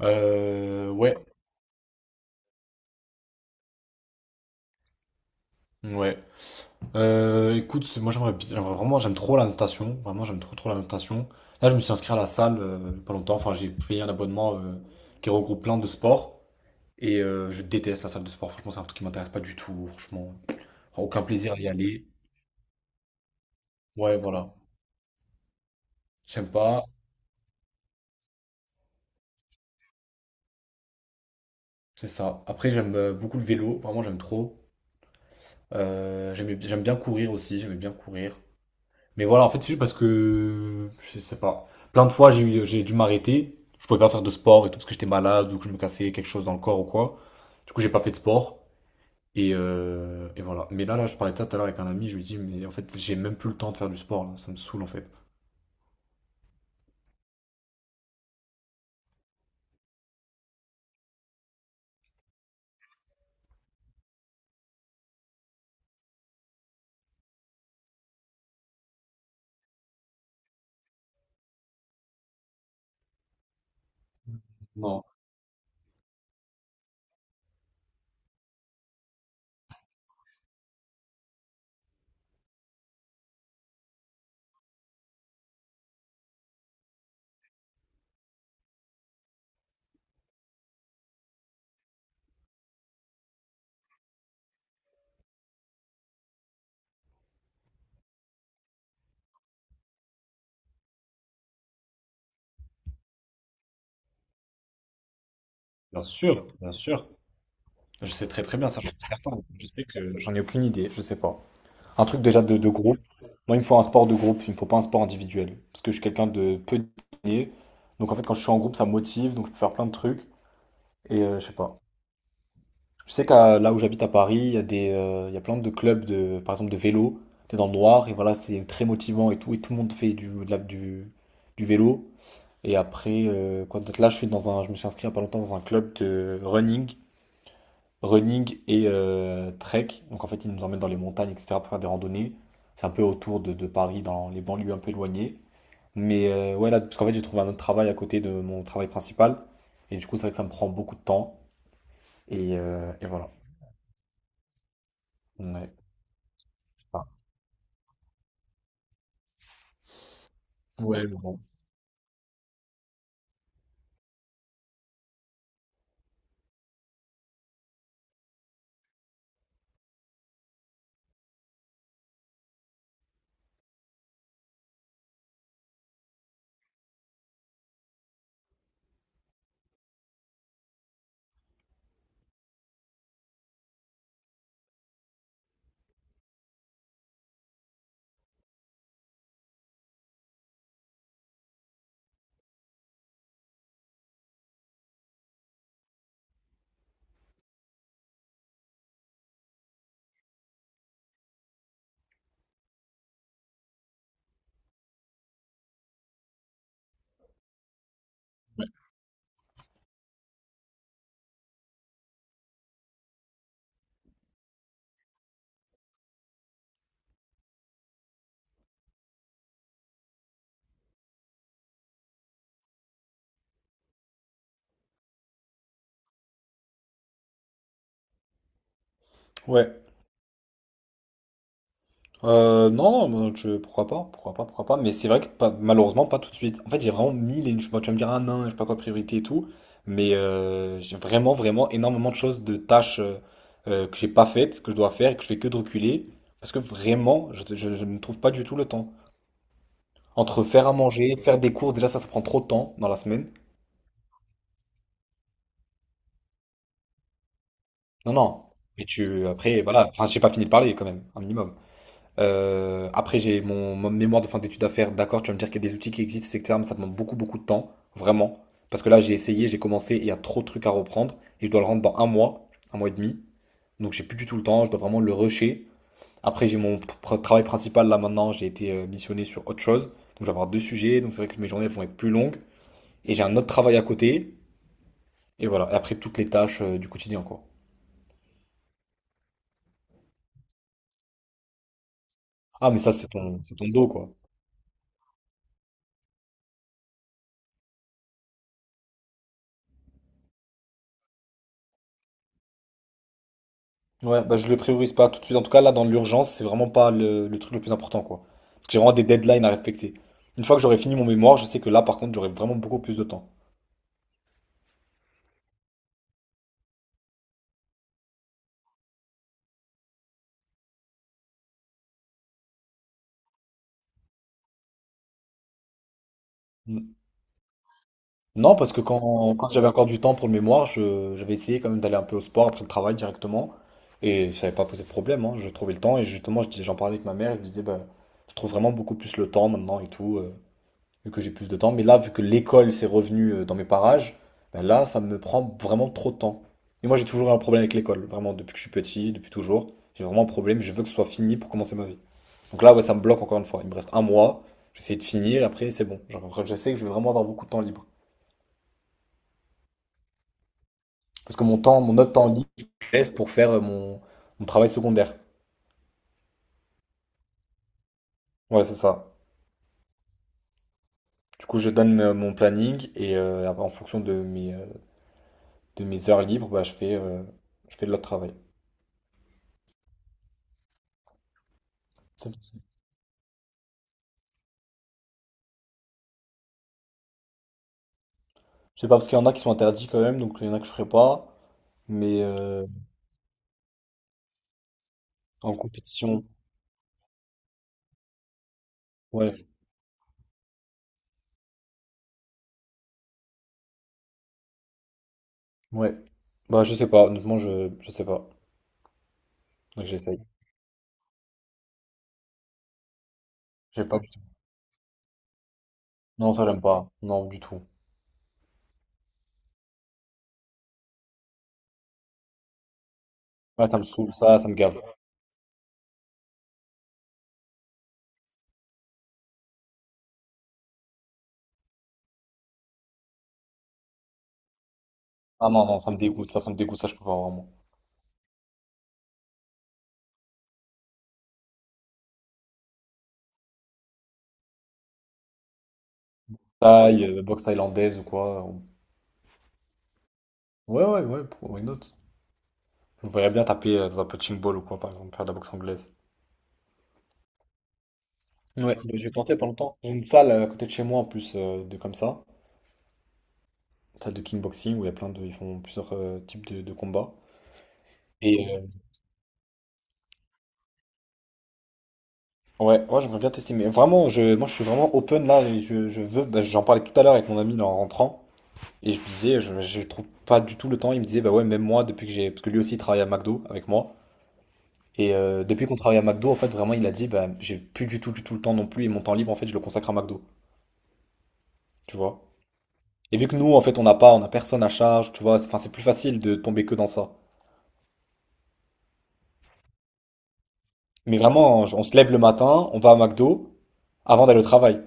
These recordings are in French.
Euh, ouais, ouais. Écoute, moi j'aimerais, j'aimerais vraiment, j'aime trop la natation. Vraiment, j'aime trop trop la natation. Là, je me suis inscrit à la salle pas longtemps. Enfin, j'ai payé un abonnement qui regroupe plein de sports. Et je déteste la salle de sport. Franchement, c'est un truc qui m'intéresse pas du tout. Franchement, enfin, aucun plaisir à y aller. Ouais, voilà. J'aime pas. C'est ça. Après, j'aime beaucoup le vélo. Vraiment, j'aime trop. J'aime bien courir aussi. J'aimais bien courir. Mais voilà, en fait, c'est juste parce que, je sais pas, plein de fois, j'ai dû m'arrêter. Je pouvais pas faire de sport et tout, parce que j'étais malade ou que je me cassais quelque chose dans le corps ou quoi. Du coup, j'ai pas fait de sport. Et voilà. Mais là, je parlais de ça tout à l'heure avec un ami, je lui dis, mais en fait, j'ai même plus le temps de faire du sport, là. Ça me saoule, en fait. Non. Bien sûr, bien sûr. Je sais très très bien, ça, je suis certain. Je sais que j'en ai aucune idée, je sais pas. Un truc déjà de groupe. Moi, il me faut un sport de groupe, il me faut pas un sport individuel. Parce que je suis quelqu'un de peu discipliné. Donc, en fait, quand je suis en groupe, ça me motive, donc je peux faire plein de trucs. Et je sais pas. Je sais qu'à là où j'habite à Paris, il y a il y a plein de clubs de, par exemple, de vélo. T'es dans le noir et voilà, c'est très motivant et tout. Et tout le monde fait du, de la- du vélo. Et après, quoi d'autre? Là, je me suis inscrit il y a pas longtemps dans un club de running, running et trek. Donc en fait, ils nous emmènent dans les montagnes, etc. pour faire des randonnées. C'est un peu autour de Paris, dans les banlieues un peu éloignées. Mais ouais, là, parce qu'en fait, j'ai trouvé un autre travail à côté de mon travail principal. Et du coup, c'est vrai que ça me prend beaucoup de temps. Et voilà. Ouais. Enfin, ouais, mais bon. Ouais. Non, pourquoi pas, pourquoi pas, pourquoi pas. Mais c'est vrai que malheureusement, pas tout de suite. En fait, j'ai vraiment mille et une… bon, tu vas me dire un nain, je sais pas quoi, priorité et tout. Mais j'ai vraiment, vraiment énormément de choses, de tâches que j'ai pas faites, que je dois faire et que je fais que de reculer. Parce que vraiment, je ne trouve pas du tout le temps. Entre faire à manger, faire des cours, déjà ça, ça prend trop de temps dans la semaine. Non, non. Mais tu, après, voilà, enfin, j'ai pas fini de parler quand même, un minimum. Après, j'ai mon mémoire de fin d'études à faire. D'accord, tu vas me dire qu'il y a des outils qui existent, etc. Mais ça demande beaucoup, beaucoup de temps, vraiment. Parce que là, j'ai essayé, j'ai commencé, et il y a trop de trucs à reprendre. Et je dois le rendre dans un mois et demi. Donc, j'ai plus du tout le temps, je dois vraiment le rusher. Après, j'ai mon travail principal là maintenant, j'ai été missionné sur autre chose. Donc, je vais avoir deux sujets. Donc, c'est vrai que mes journées vont être plus longues. Et j'ai un autre travail à côté. Et voilà. Et après, toutes les tâches du quotidien, quoi. Ah, mais ça, c'est c'est ton dos, quoi. Ouais, bah je le priorise pas tout de suite. En tout cas, là, dans l'urgence, c'est vraiment pas le truc le plus important, quoi. Parce que j'ai vraiment des deadlines à respecter. Une fois que j'aurai fini mon mémoire, je sais que là, par contre, j'aurai vraiment beaucoup plus de temps. Mm. Non, parce que quand j'avais encore du temps pour le mémoire, j'avais essayé quand même d'aller un peu au sport après le travail directement. Et ça n'avait pas posé de problème, hein. Je trouvais le temps. Et justement, j'en parlais avec ma mère. Je lui disais, bah, je trouve vraiment beaucoup plus le temps maintenant et tout. Vu que j'ai plus de temps. Mais là, vu que l'école s'est revenue dans mes parages, ben là, ça me prend vraiment trop de temps. Et moi, j'ai toujours un problème avec l'école, vraiment, depuis que je suis petit, depuis toujours. J'ai vraiment un problème, je veux que ce soit fini pour commencer ma vie. Donc là, ouais, ça me bloque encore une fois. Il me reste un mois, j'essaie de finir, et après, c'est bon. Genre, je sais que je vais vraiment avoir beaucoup de temps libre. Parce que mon temps, mon autre temps libre, je le laisse pour faire mon travail secondaire. Ouais, c'est ça. Du coup, je donne mon planning, et en fonction de de mes heures libres, bah, je fais de l'autre travail. C'est je sais pas, parce qu'il y en a qui sont interdits quand même, donc il y en a que je ferai pas. Mais en compétition, ouais, ouais. Bah, je sais pas, honnêtement, je sais pas. Donc j'essaye. J'ai pas du tout. Non, ça, j'aime pas. Non, du tout. Ouais, ça me saoule, ça me gave. Ah non, non, ça me dégoûte, ça me dégoûte, ça, je peux pas vraiment. Thaï, boxe thaïlandaise ou quoi. Ouais, ouais, ouais, pour une autre. Je me verrais bien taper dans un punching ball ou quoi, par exemple, faire de la boxe anglaise. Ouais, bah, j'ai tenté il y a pas longtemps. J'ai une salle à côté de chez moi en plus de comme ça, une salle de kickboxing où il y a plein de, ils font plusieurs types de combats. Et ouais, ouais, j'aimerais bien tester. Mais vraiment, moi, je suis vraiment open là. Et je veux. Bah, j'en parlais tout à l'heure avec mon ami là, en rentrant. Et je lui disais, je trouve pas du tout le temps. Il me disait, bah ouais, même moi, depuis que j'ai. Parce que lui aussi, il travaille à McDo avec moi. Et depuis qu'on travaille à McDo, en fait, vraiment, il a dit, bah, j'ai plus du tout le temps non plus. Et mon temps libre, en fait, je le consacre à McDo. Tu vois? Et vu que nous, en fait, on n'a pas, on a personne à charge. Tu vois? Enfin, c'est plus facile de tomber que dans ça. Mais vraiment, on se lève le matin, on va à McDo avant d'aller au travail.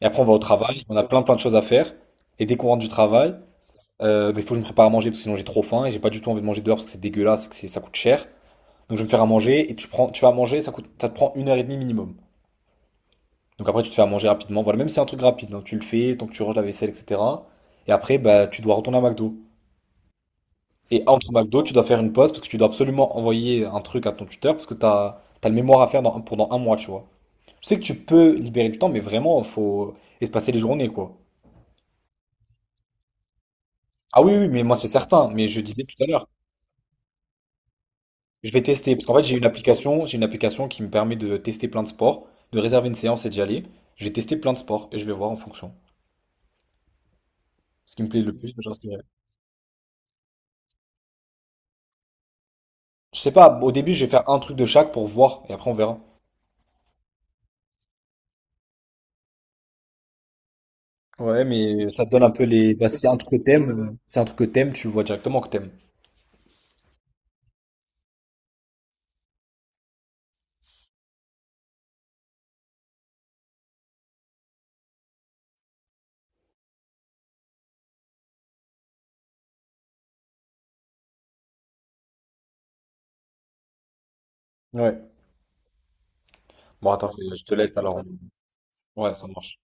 Et après, on va au travail, on a plein plein de choses à faire. Et dès qu'on rentre du travail, mais il faut que je me prépare à manger parce que sinon j'ai trop faim et j'ai pas du tout envie de manger dehors parce que c'est dégueulasse et que ça coûte cher. Donc je vais me faire à manger et tu prends, tu vas manger, ça coûte, ça te prend 1 heure et demie minimum. Donc après tu te fais à manger rapidement. Voilà, même si c'est un truc rapide, hein, tu le fais, tant que tu ranges la vaisselle, etc. Et après, bah, tu dois retourner à McDo. Et entre McDo, tu dois faire une pause parce que tu dois absolument envoyer un truc à ton tuteur parce que t'as le mémoire à faire pendant un mois, tu vois. Je sais que tu peux libérer du temps, mais vraiment, faut espacer les journées, quoi. Ah oui, oui, mais moi c'est certain, mais je disais tout à l'heure. Je vais tester, parce qu'en fait j'ai une application qui me permet de tester plein de sports, de réserver une séance et d'y aller. Je vais tester plein de sports et je vais voir en fonction. Ce qui me plaît le plus, je t'inscrirai. Je sais pas, au début je vais faire un truc de chaque pour voir et après on verra. Ouais, mais ça te donne un peu les. Bah, c'est un truc que t'aimes, tu le vois directement que t'aimes. Ouais. Bon, attends, je te laisse alors. Ouais, ça marche.